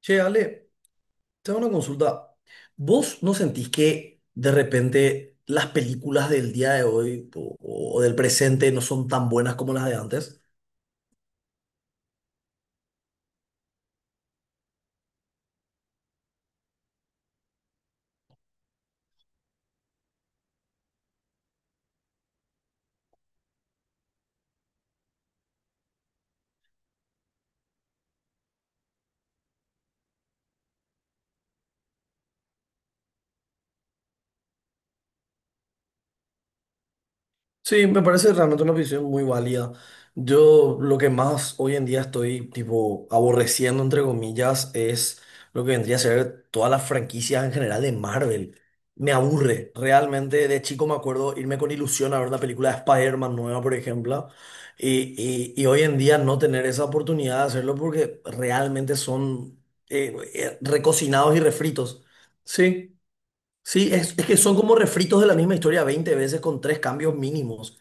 Che, Ale, te hago una consulta. ¿Vos no sentís que de repente las películas del día de hoy o del presente no son tan buenas como las de antes? Sí, me parece realmente una visión muy válida. Yo lo que más hoy en día estoy tipo aborreciendo, entre comillas, es lo que vendría a ser todas las franquicias en general de Marvel. Me aburre. Realmente de chico me acuerdo irme con ilusión a ver la película de Spider-Man nueva, por ejemplo, y hoy en día no tener esa oportunidad de hacerlo porque realmente son recocinados y refritos. Sí. Sí, es que son como refritos de la misma historia 20 veces con tres cambios mínimos.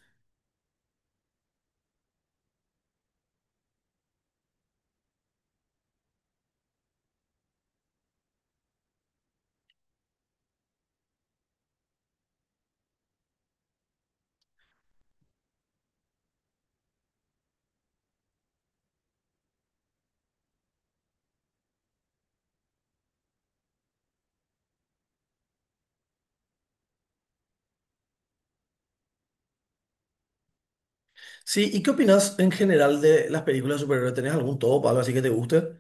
Sí, ¿y qué opinas en general de las películas de superhéroes? ¿Tenés algún top, algo así que te guste?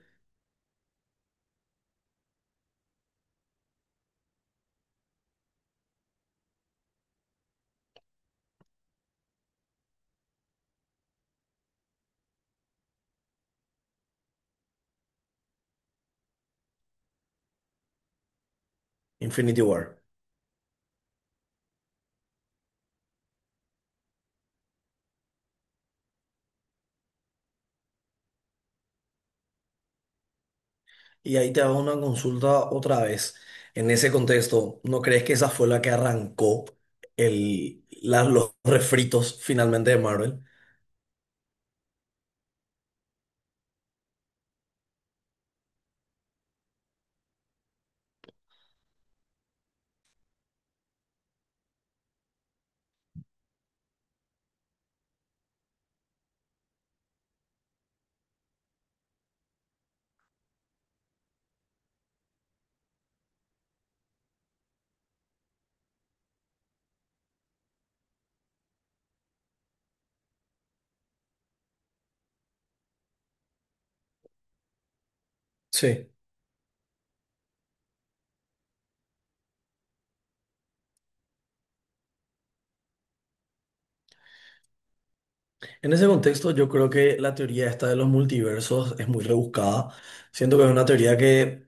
Infinity War. Y ahí te hago una consulta otra vez. En ese contexto, ¿no crees que esa fue la que arrancó los refritos finalmente de Marvel? Sí. En ese contexto, yo creo que la teoría esta de los multiversos es muy rebuscada. Siento que es una teoría que.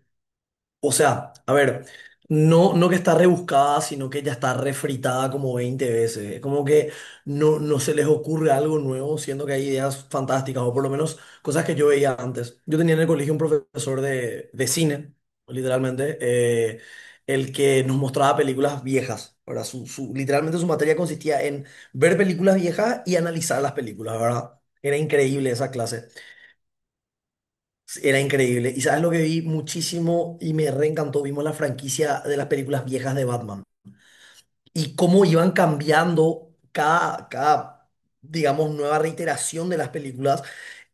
O sea, a ver, no, no que está rebuscada, sino que ya está refritada como 20 veces. Es como que no, no se les ocurre algo nuevo, siendo que hay ideas fantásticas, o por lo menos cosas que yo veía antes. Yo tenía en el colegio un profesor de cine, literalmente, el que nos mostraba películas viejas. ¿Verdad? Literalmente su materia consistía en ver películas viejas y analizar las películas, ¿verdad? Era increíble esa clase. Era increíble. Y sabes lo que vi muchísimo y me reencantó. Vimos la franquicia de las películas viejas de Batman y cómo iban cambiando cada, digamos, nueva reiteración de las películas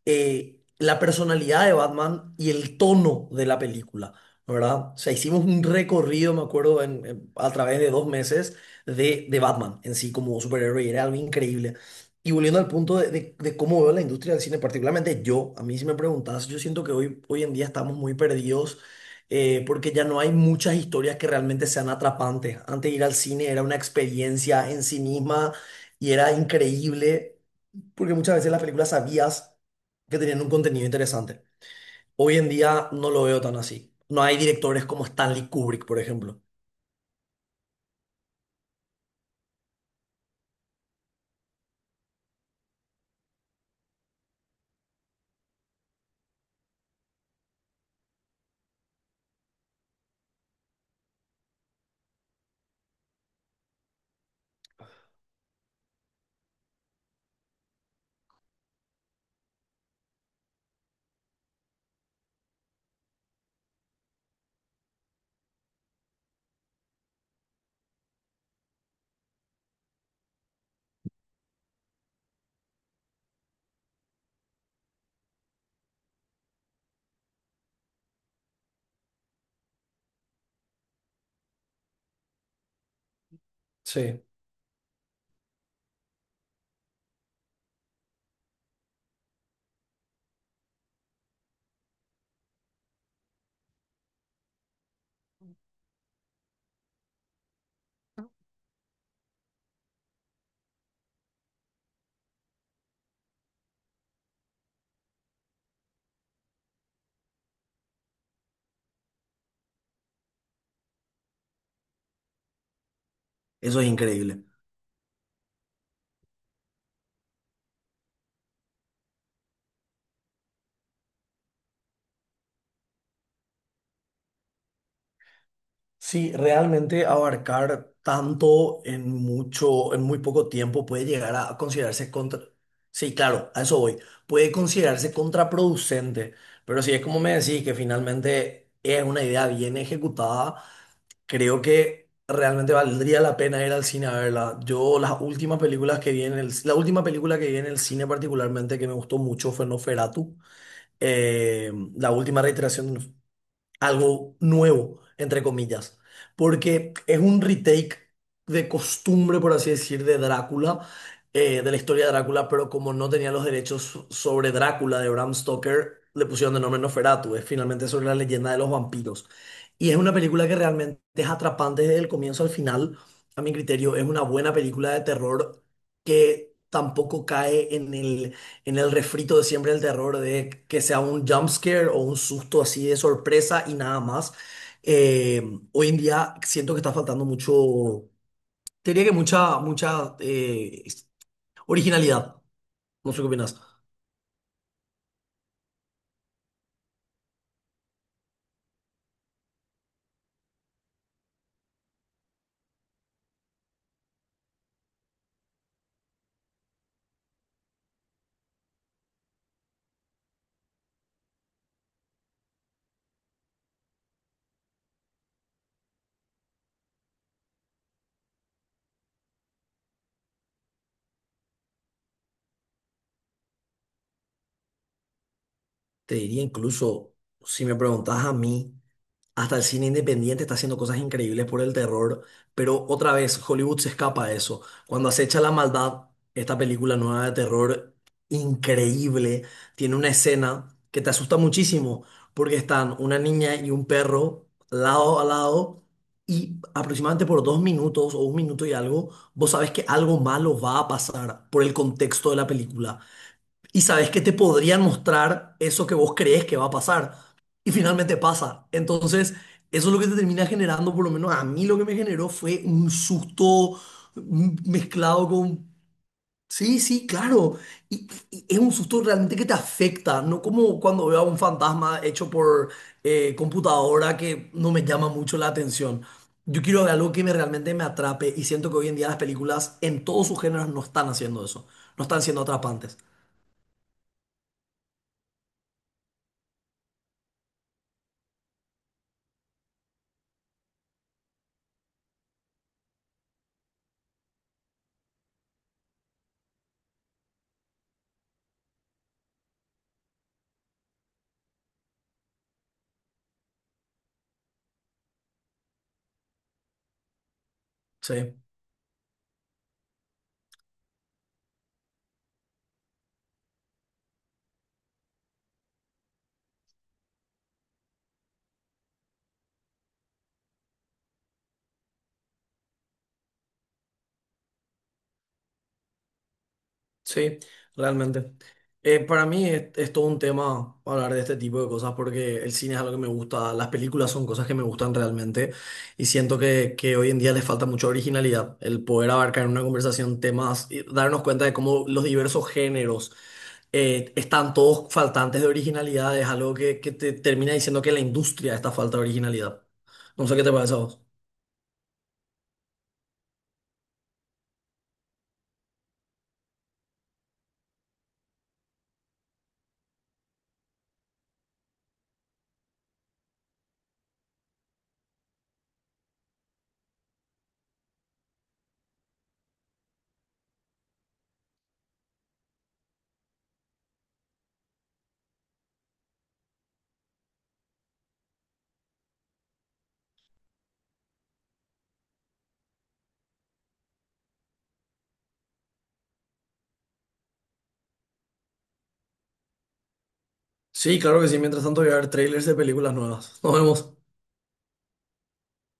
la personalidad de Batman y el tono de la película, ¿no?, ¿verdad? O sea, hicimos un recorrido, me acuerdo, a través de 2 meses de- de Batman en sí como superhéroe y era algo increíble. Y volviendo al punto de cómo veo la industria del cine, particularmente yo, a mí si me preguntas, yo siento que hoy en día estamos muy perdidos porque ya no hay muchas historias que realmente sean atrapantes. Antes ir al cine era una experiencia en sí misma y era increíble. Porque muchas veces las películas sabías que tenían un contenido interesante. Hoy en día no lo veo tan así. No hay directores como Stanley Kubrick, por ejemplo. Sí. Eso es increíble. Sí, realmente abarcar tanto en mucho, en muy poco tiempo puede llegar a considerarse contra... Sí, claro, a eso voy. Puede considerarse contraproducente, pero si es como me decís, que finalmente es una idea bien ejecutada, creo que realmente valdría la pena ir al cine a verla. Yo las últimas películas que vi la última película que vi en el cine particularmente que me gustó mucho fue Noferatu. La última reiteración algo nuevo, entre comillas, porque es un retake de costumbre, por así decir, de Drácula, de la historia de Drácula, pero como no tenía los derechos sobre Drácula de Bram Stoker, le pusieron de nombre Nosferatu, es finalmente sobre la leyenda de los vampiros. Y es una película que realmente es atrapante desde el comienzo al final, a mi criterio, es una buena película de terror que tampoco cae en el refrito de siempre el terror de que sea un jump scare o un susto así de sorpresa y nada más. Eh, hoy en día siento que está faltando mucho, te diría que mucha, mucha originalidad. No sé qué opinas. Te diría incluso, si me preguntas a mí. Hasta el cine independiente está haciendo cosas increíbles por el terror, pero otra vez Hollywood se escapa de eso. Cuando acecha la maldad, esta película nueva de terror, increíble, tiene una escena que te asusta muchísimo, porque están una niña y un perro lado a lado, y aproximadamente por 2 minutos o un minuto y algo, vos sabes que algo malo va a pasar por el contexto de la película y sabes que te podrían mostrar eso que vos crees que va a pasar y finalmente pasa. Entonces, eso es lo que te termina generando, por lo menos a mí lo que me generó fue un susto, mezclado con... Sí, sí, claro. Y es un susto realmente que te afecta, no como cuando veo a un fantasma hecho por computadora que no me llama mucho la atención. Yo quiero ver algo que me realmente me atrape y siento que hoy en día las películas en todos sus géneros no están haciendo eso, no están siendo atrapantes. Sí. Sí, realmente. Para mí es todo un tema hablar de este tipo de cosas porque el cine es algo que me gusta, las películas son cosas que me gustan realmente y siento que hoy en día les falta mucha originalidad, el poder abarcar en una conversación temas y darnos cuenta de cómo los diversos géneros están todos faltantes de originalidad, es algo que te termina diciendo que la industria está falta de originalidad. No sé qué te parece a vos. Sí, claro que sí, mientras tanto voy a ver trailers de películas nuevas. Nos vemos.